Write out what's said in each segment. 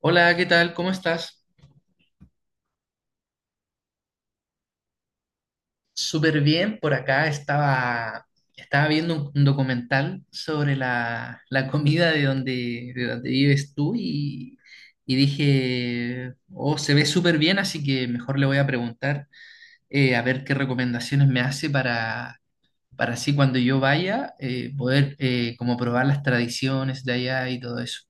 Hola, ¿qué tal? ¿Cómo estás? Súper bien. Por acá estaba viendo un documental sobre la comida de de donde vives tú y dije, oh, se ve súper bien, así que mejor le voy a preguntar a ver qué recomendaciones me hace para así cuando yo vaya poder como probar las tradiciones de allá y todo eso.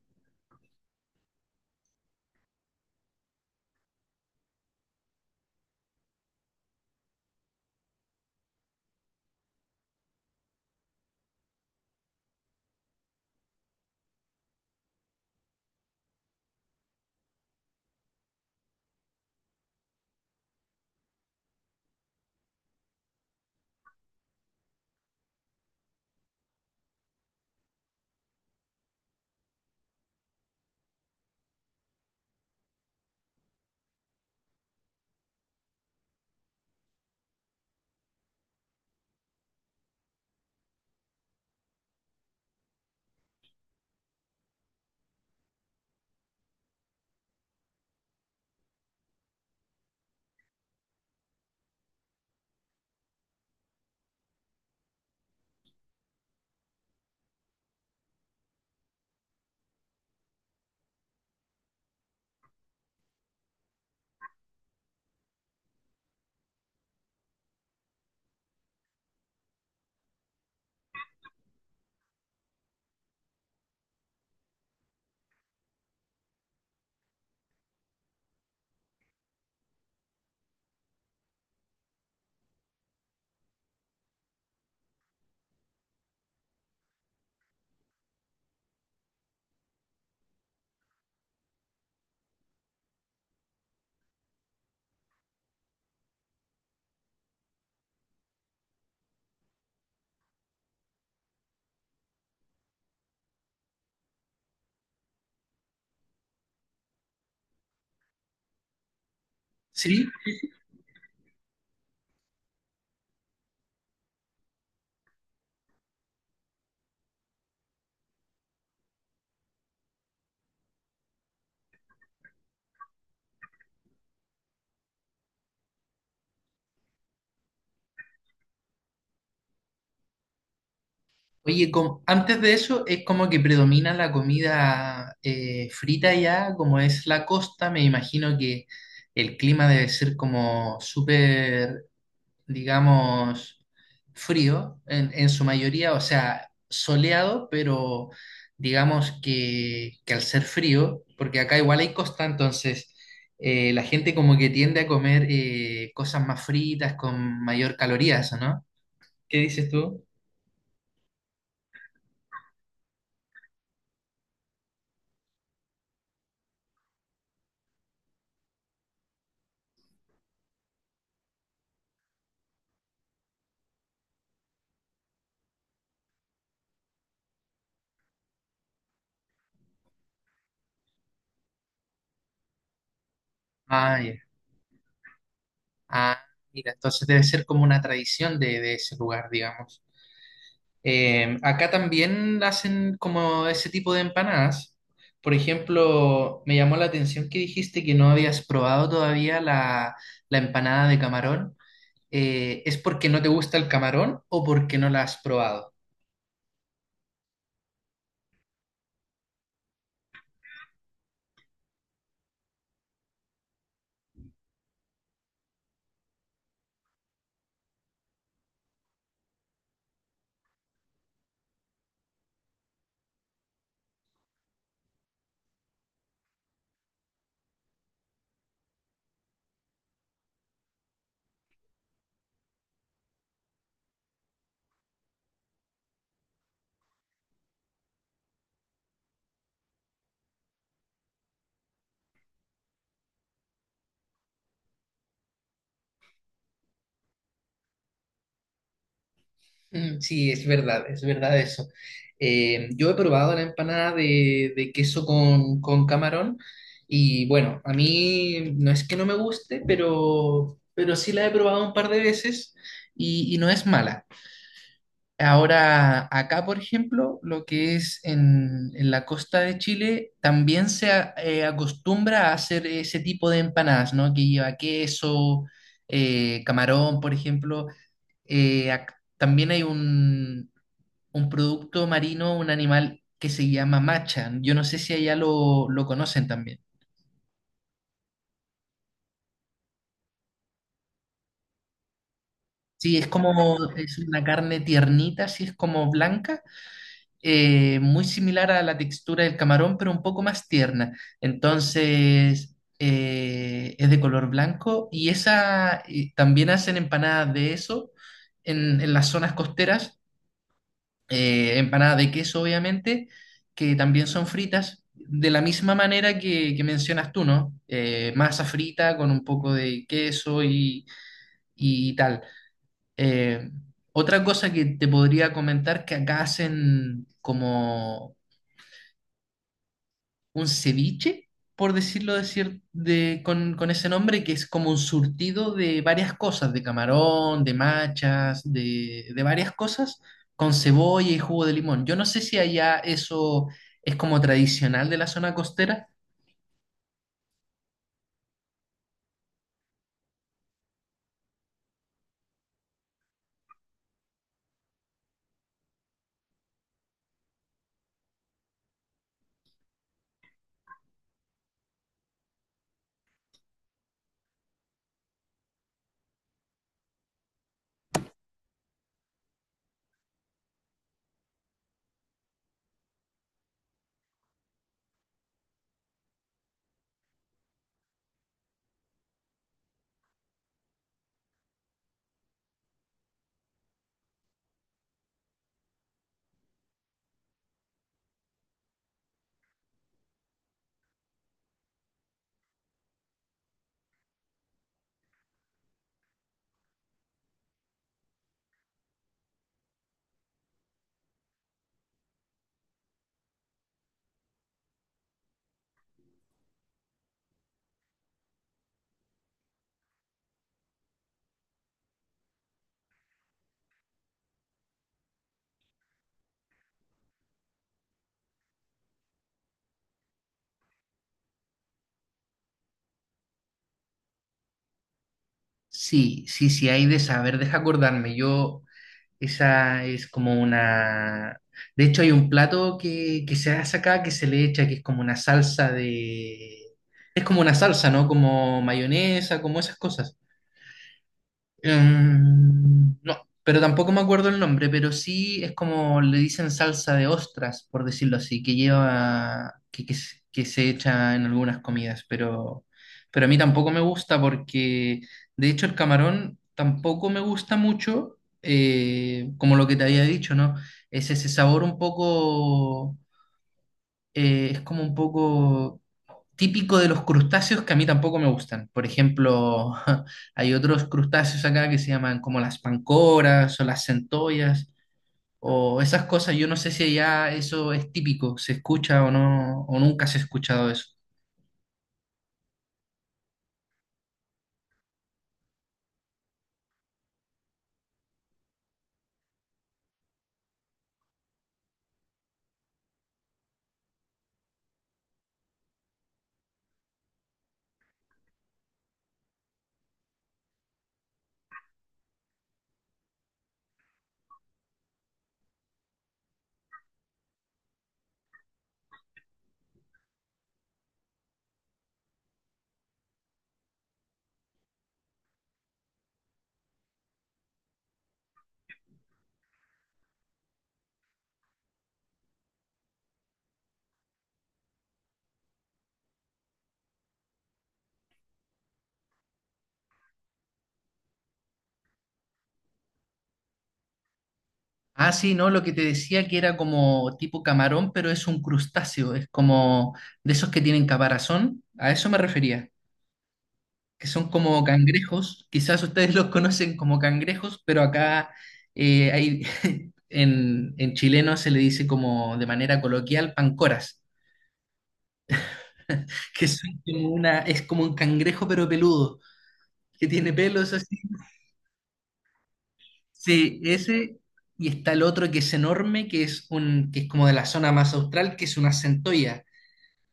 ¿Sí? Oye, antes de eso es como que predomina la comida frita ya. Como es la costa, me imagino que el clima debe ser como súper, digamos, frío en su mayoría, o sea, soleado, pero digamos que al ser frío, porque acá igual hay costa, entonces la gente como que tiende a comer cosas más fritas con mayor calorías, ¿o no? ¿Qué dices tú? Ah, ya. Ah, mira, entonces debe ser como una tradición de ese lugar, digamos. Acá también hacen como ese tipo de empanadas. Por ejemplo, me llamó la atención que dijiste que no habías probado todavía la empanada de camarón. ¿Es porque no te gusta el camarón o porque no la has probado? Sí, es verdad eso. Yo he probado la empanada de queso con camarón y bueno, a mí no es que no me guste, pero sí la he probado un par de veces y no es mala. Ahora, acá, por ejemplo, lo que es en la costa de Chile, también acostumbra a hacer ese tipo de empanadas, ¿no? Que lleva queso, camarón, por ejemplo. También hay un producto marino, un animal que se llama macha. Yo no sé si allá lo conocen también. Sí, es como, es una carne tiernita, sí, es como blanca, muy similar a la textura del camarón, pero un poco más tierna. Entonces, es de color blanco y esa, y también hacen empanadas de eso en las zonas costeras, empanadas de queso, obviamente, que también son fritas, de la misma manera que mencionas tú, ¿no? Masa frita con un poco de queso y tal. Eh, otra cosa que te podría comentar que acá hacen como un ceviche, por decirlo con ese nombre, que es como un surtido de varias cosas, de camarón, de machas, de varias cosas, con cebolla y jugo de limón. Yo no sé si allá eso es como tradicional de la zona costera. Sí, sí, sí, hay de saber, deja acordarme. Yo Esa es como una... De hecho, hay un plato que se hace acá que se le echa, que es como una salsa de... Es como una salsa, ¿no? Como mayonesa, como esas cosas. No, pero tampoco me acuerdo el nombre, pero sí es como le dicen salsa de ostras, por decirlo así, que lleva, que se echa en algunas comidas, pero a mí tampoco me gusta porque, de hecho, el camarón tampoco me gusta mucho, como lo que te había dicho, ¿no? Es ese sabor un poco, es como un poco típico de los crustáceos que a mí tampoco me gustan. Por ejemplo, hay otros crustáceos acá que se llaman como las pancoras o las centollas o esas cosas. Yo no sé si allá eso es típico, se escucha o no, o nunca se ha escuchado eso. Ah, sí, no, lo que te decía que era como tipo camarón, pero es un crustáceo, es como de esos que tienen caparazón, a eso me refería, que son como cangrejos. Quizás ustedes los conocen como cangrejos, pero acá eh, hay, en chileno se le dice como de manera coloquial pancoras, que son como una, es como un cangrejo pero peludo, que tiene pelos así. Sí, ese, y está el otro que es enorme, que es que es como de la zona más austral, que es una centolla.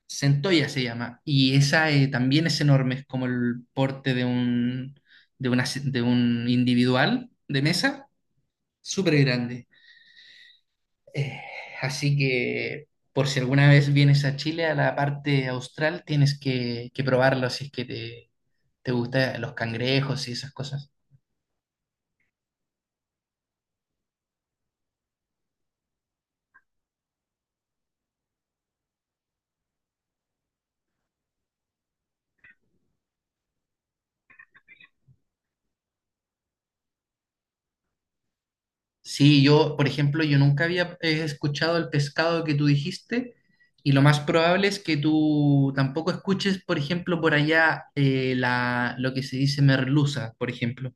Centolla se llama, y esa también es enorme, es como el porte de de un individual de mesa, súper grande. Eh, Así que por si alguna vez vienes a Chile, a la parte austral, tienes que probarlo si es que te gustan los cangrejos y esas cosas. Sí, yo, por ejemplo, yo nunca había escuchado el pescado que tú dijiste y lo más probable es que tú tampoco escuches, por ejemplo, por allá lo que se dice merluza, por ejemplo.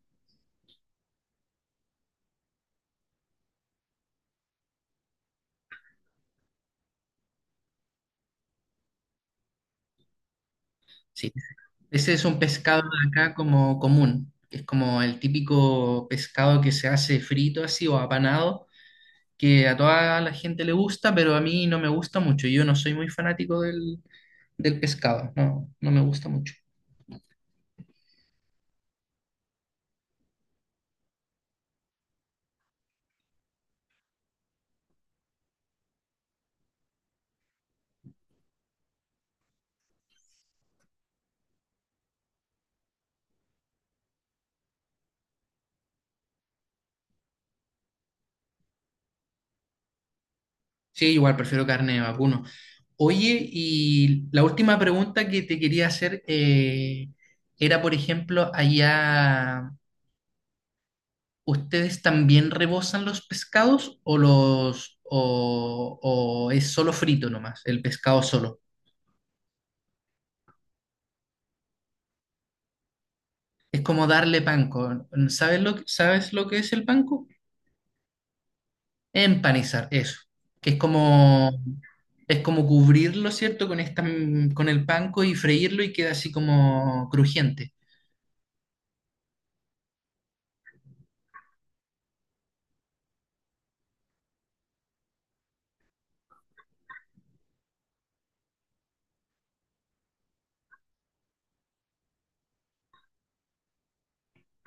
Sí, ese es un pescado de acá como común, que es como el típico pescado que se hace frito así o apanado, que a toda la gente le gusta, pero a mí no me gusta mucho. Yo no soy muy fanático del pescado, no, no me gusta mucho. Sí, igual prefiero carne de vacuno. Oye, y la última pregunta que te quería hacer era, por ejemplo, allá ¿ustedes también rebosan los pescados o o es solo frito nomás, el pescado solo? Es como darle panko. ¿Sabes sabes lo que es el panko? Empanizar, eso. Que es como Es como cubrirlo, ¿cierto? Con el panko y freírlo y queda así como crujiente.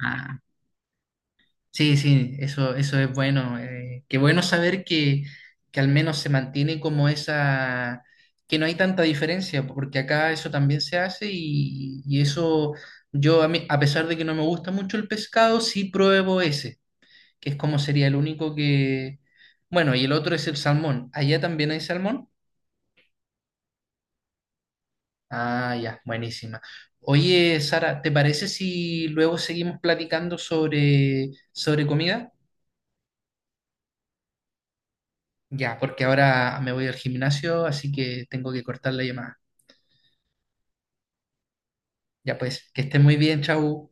Ah. Sí, sí, eso es bueno. Eh, qué bueno saber que al menos se mantiene como esa, que no hay tanta diferencia, porque acá eso también se hace y eso yo, a pesar de que no me gusta mucho el pescado, sí pruebo ese, que es como sería el único que... Bueno, y el otro es el salmón. ¿Allá también hay salmón? Ah, ya, buenísima. Oye, Sara, ¿te parece si luego seguimos platicando sobre comida? Ya, porque ahora me voy al gimnasio, así que tengo que cortar la llamada. Ya pues, que esté muy bien, chau.